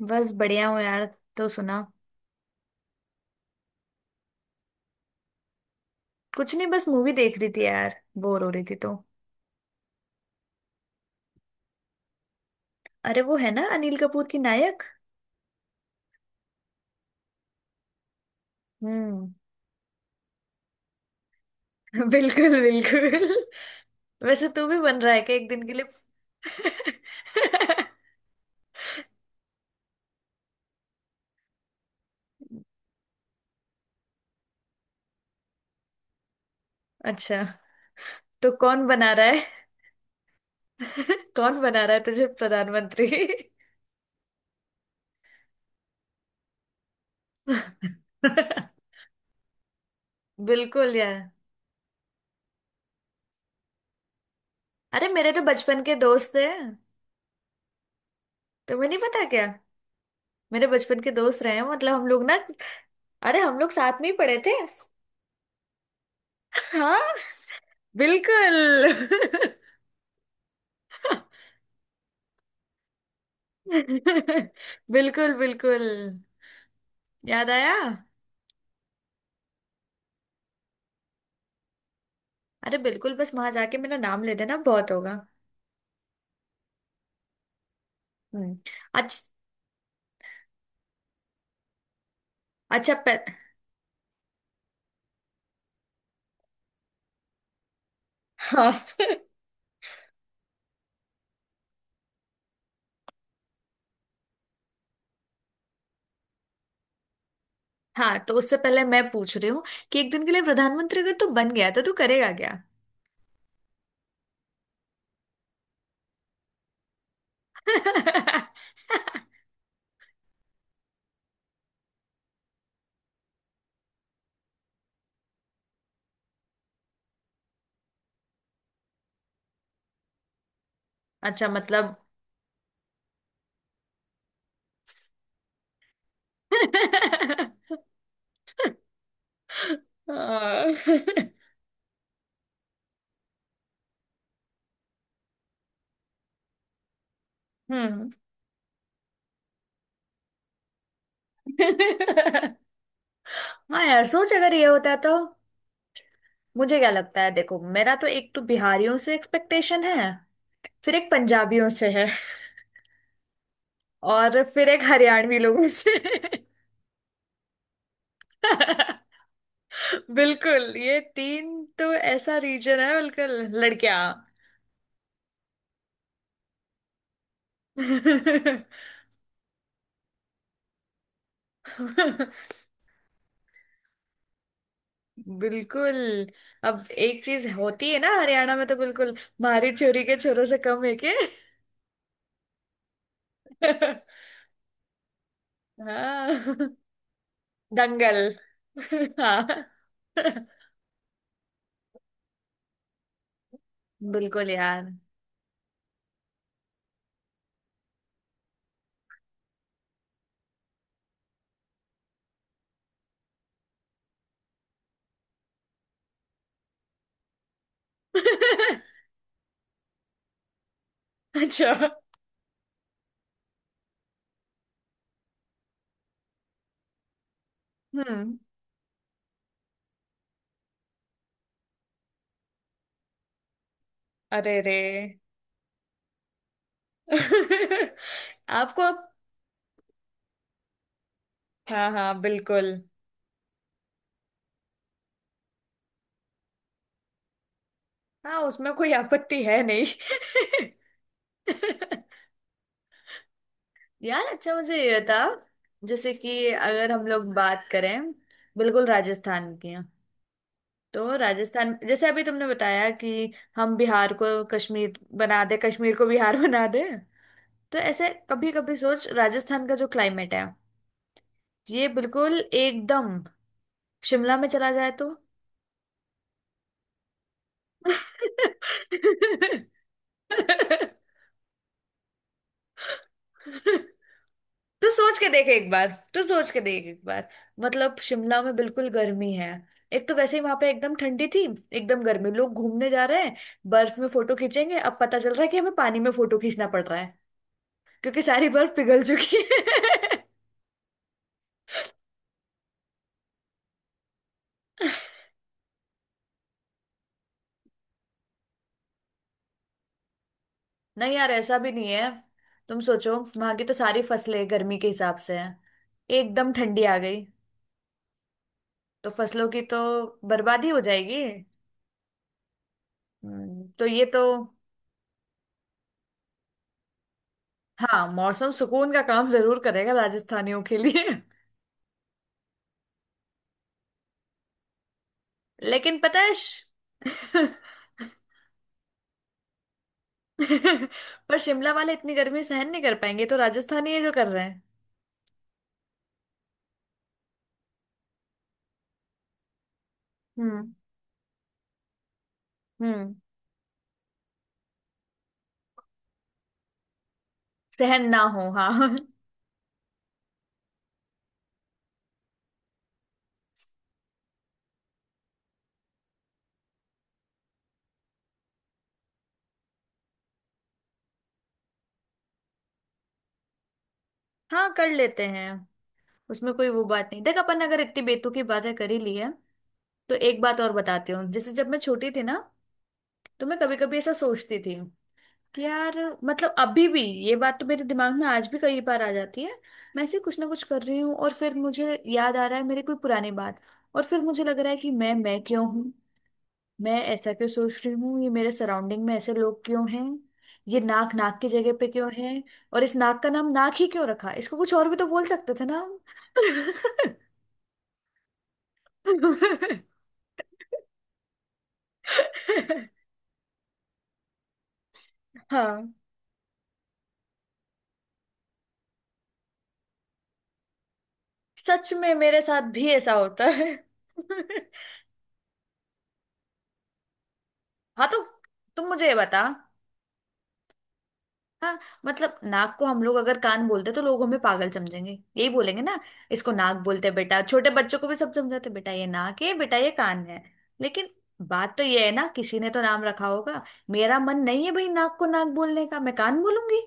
बस बढ़िया हूँ यार। तो सुना। कुछ नहीं, बस मूवी देख रही थी यार। बोर हो रही थी तो। अरे वो है ना, अनिल कपूर की नायक। हम्म। बिल्कुल बिल्कुल। वैसे तू भी बन रहा है क्या एक दिन के लिए? अच्छा, तो कौन बना रहा है? कौन बना रहा है तुझे प्रधानमंत्री? बिल्कुल यार। अरे मेरे तो बचपन के दोस्त हैं। तुम्हें नहीं पता क्या? मेरे बचपन के दोस्त रहे हैं, मतलब हम लोग ना। अरे हम लोग साथ में ही पढ़े थे। हाँ, बिल्कुल। बिल्कुल बिल्कुल, याद आया। अरे बिल्कुल, बस वहां जाके मेरा नाम ले देना, बहुत होगा। हम्म। अच्छा। अच्छा पह, हाँ। हाँ, तो उससे पहले मैं पूछ रही हूँ कि एक दिन के लिए प्रधानमंत्री अगर तू बन गया तो तू करेगा क्या? अच्छा मतलब। हाँ। हम्म। हाँ यार, सोच अगर ये होता तो। मुझे क्या लगता है, देखो मेरा तो एक तो बिहारियों से एक्सपेक्टेशन है। फिर एक पंजाबियों से है। और फिर एक हरियाणवी लोगों से। बिल्कुल ये तीन, तो ऐसा रीजन है बिल्कुल। लड़कियां। बिल्कुल। अब एक चीज होती है ना हरियाणा में तो, बिल्कुल मारी छोरी के छोरों से कम है के। हाँ। दंगल। हाँ बिल्कुल यार। अच्छा। हम्म। अरे रे। आपको अब। हाँ हाँ बिल्कुल। हाँ, उसमें कोई आपत्ति है नहीं। यार अच्छा, मुझे ये था, जैसे कि अगर हम लोग बात करें बिल्कुल राजस्थान की, हाँ। तो राजस्थान, जैसे अभी तुमने बताया कि हम बिहार को कश्मीर बना दे, कश्मीर को बिहार बना दे। तो ऐसे कभी कभी सोच, राजस्थान का जो क्लाइमेट है ये बिल्कुल एकदम शिमला में चला जाए तो। तू सोच के देख एक बार। तू सोच के देख एक बार। मतलब शिमला में बिल्कुल गर्मी है, एक तो वैसे ही वहां पे एकदम ठंडी थी। एकदम गर्मी, लोग घूमने जा रहे हैं, बर्फ में फोटो खींचेंगे, अब पता चल रहा है कि हमें पानी में फोटो खींचना पड़ रहा है, क्योंकि सारी बर्फ पिघल चुकी है। नहीं यार, ऐसा भी नहीं है। तुम सोचो वहां की तो सारी फसलें गर्मी के हिसाब से हैं, एकदम ठंडी आ गई, तो फसलों की तो बर्बादी हो जाएगी। तो ये तो। हाँ, मौसम सुकून का काम जरूर करेगा राजस्थानियों के लिए। लेकिन पता है पर शिमला वाले इतनी गर्मी सहन नहीं कर पाएंगे, तो राजस्थानी ये जो कर रहे हैं। हम्म हम्म सहन ना हो, हाँ। हाँ, कर लेते हैं। उसमें कोई वो बात नहीं। देख, अपन अगर इतनी बेतुकी बातें कर ही ली है तो एक बात और बताती हूँ। जैसे जब मैं छोटी थी ना, तो मैं कभी कभी ऐसा सोचती थी यार, मतलब अभी भी ये बात तो मेरे दिमाग में आज भी कई बार आ जाती है। मैं ऐसे कुछ ना कुछ कर रही हूँ और फिर मुझे याद आ रहा है मेरी कोई पुरानी बात, और फिर मुझे लग रहा है कि मैं क्यों हूँ। मैं ऐसा क्यों सोच रही हूँ, ये मेरे सराउंडिंग में ऐसे लोग क्यों हैं, ये नाक नाक की जगह पे क्यों है, और इस नाक का नाम नाक ही क्यों रखा, इसको कुछ और भी तो बोल सकते थे ना हम। हाँ, सच में मेरे साथ भी ऐसा होता है। हाँ तो तुम मुझे ये बता। हाँ, मतलब नाक को हम लोग अगर कान बोलते तो लोग हमें पागल समझेंगे, यही बोलेंगे ना। इसको नाक बोलते हैं बेटा, छोटे बच्चों को भी सब समझाते हैं, बेटा ये नाक है, बेटा ये कान है। लेकिन बात तो ये है ना, किसी ने तो नाम रखा होगा। मेरा मन नहीं है भाई नाक को नाक बोलने का, मैं कान बोलूंगी।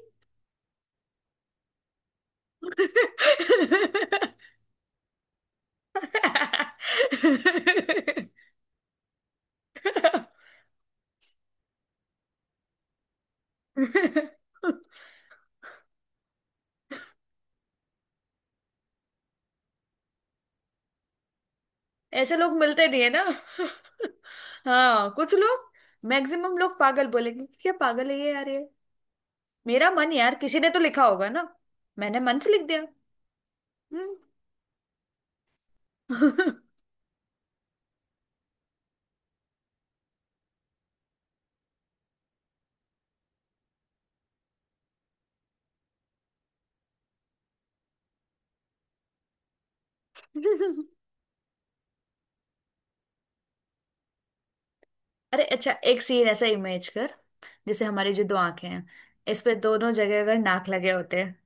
ऐसे लोग मिलते नहीं है ना। हाँ कुछ लोग, मैक्सिमम लोग पागल बोलेंगे, क्या पागल है ये यार ये। मेरा मन यार, किसी ने तो लिखा होगा ना, मैंने मन से लिख दिया। हम्म। अरे अच्छा, एक सीन ऐसा इमेज कर, जैसे हमारी जो दो आंखें हैं, इस पे दोनों जगह अगर नाक लगे होते हैं,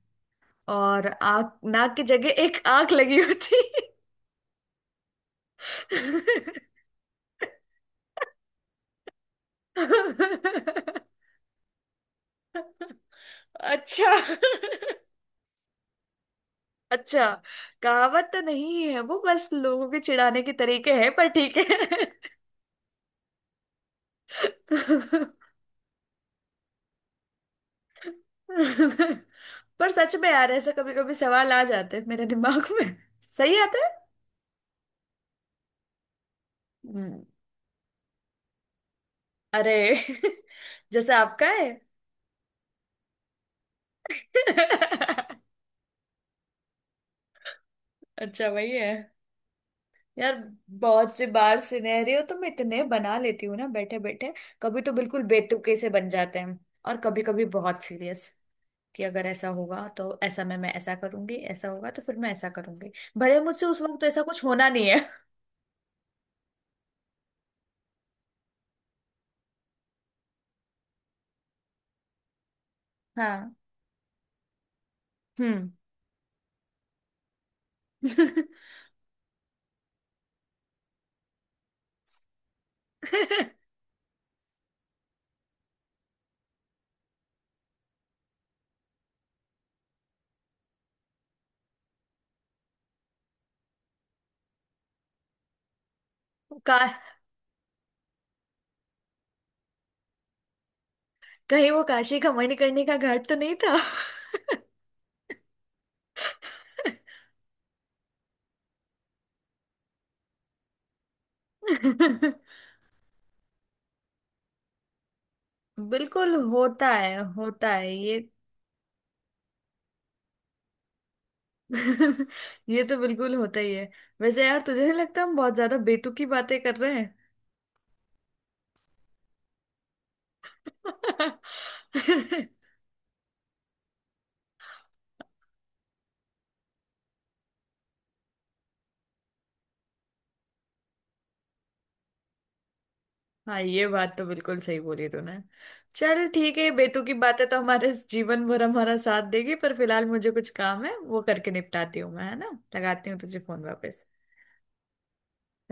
और आंख नाक की जगह एक आंख लगी होती। अच्छा। अच्छा, कहावत तो नहीं है वो, बस लोगों के चिढ़ाने के तरीके हैं, पर ठीक है। पर सच में यार, ऐसा कभी कभी सवाल आ जाते हैं मेरे दिमाग में। सही आता है। हम्म। अरे। जैसे आपका है। अच्छा, वही है यार। बहुत सी बार सिनेरियो तो मैं इतने बना लेती हूँ ना, बैठे बैठे कभी तो बिल्कुल बेतुके से बन जाते हैं, और कभी कभी बहुत सीरियस, कि अगर ऐसा होगा तो ऐसा, मैं ऐसा करूंगी, ऐसा होगा तो फिर मैं ऐसा करूंगी, भले मुझसे उस वक्त ऐसा कुछ होना नहीं है। हाँ। हम्म। का। कहीं वो काशी का मणिकर्णिका का घाट तो नहीं था? बिल्कुल होता है, होता है ये। ये तो बिल्कुल होता ही है। वैसे यार तुझे नहीं लगता हम बहुत ज्यादा बेतुकी बातें कर रहे हैं? हाँ, ये बात तो बिल्कुल सही बोली तूने। चल ठीक है, बेतुकी बातें तो हमारे इस जीवन भर हमारा साथ देगी, पर फिलहाल मुझे कुछ काम है, वो करके निपटाती हूँ मैं, है ना, लगाती हूँ तुझे फोन वापस।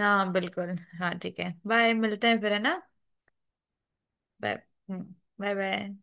हाँ बिल्कुल। हाँ ठीक है, बाय, मिलते हैं फिर, है ना। बाय। हम्म। Bye bye.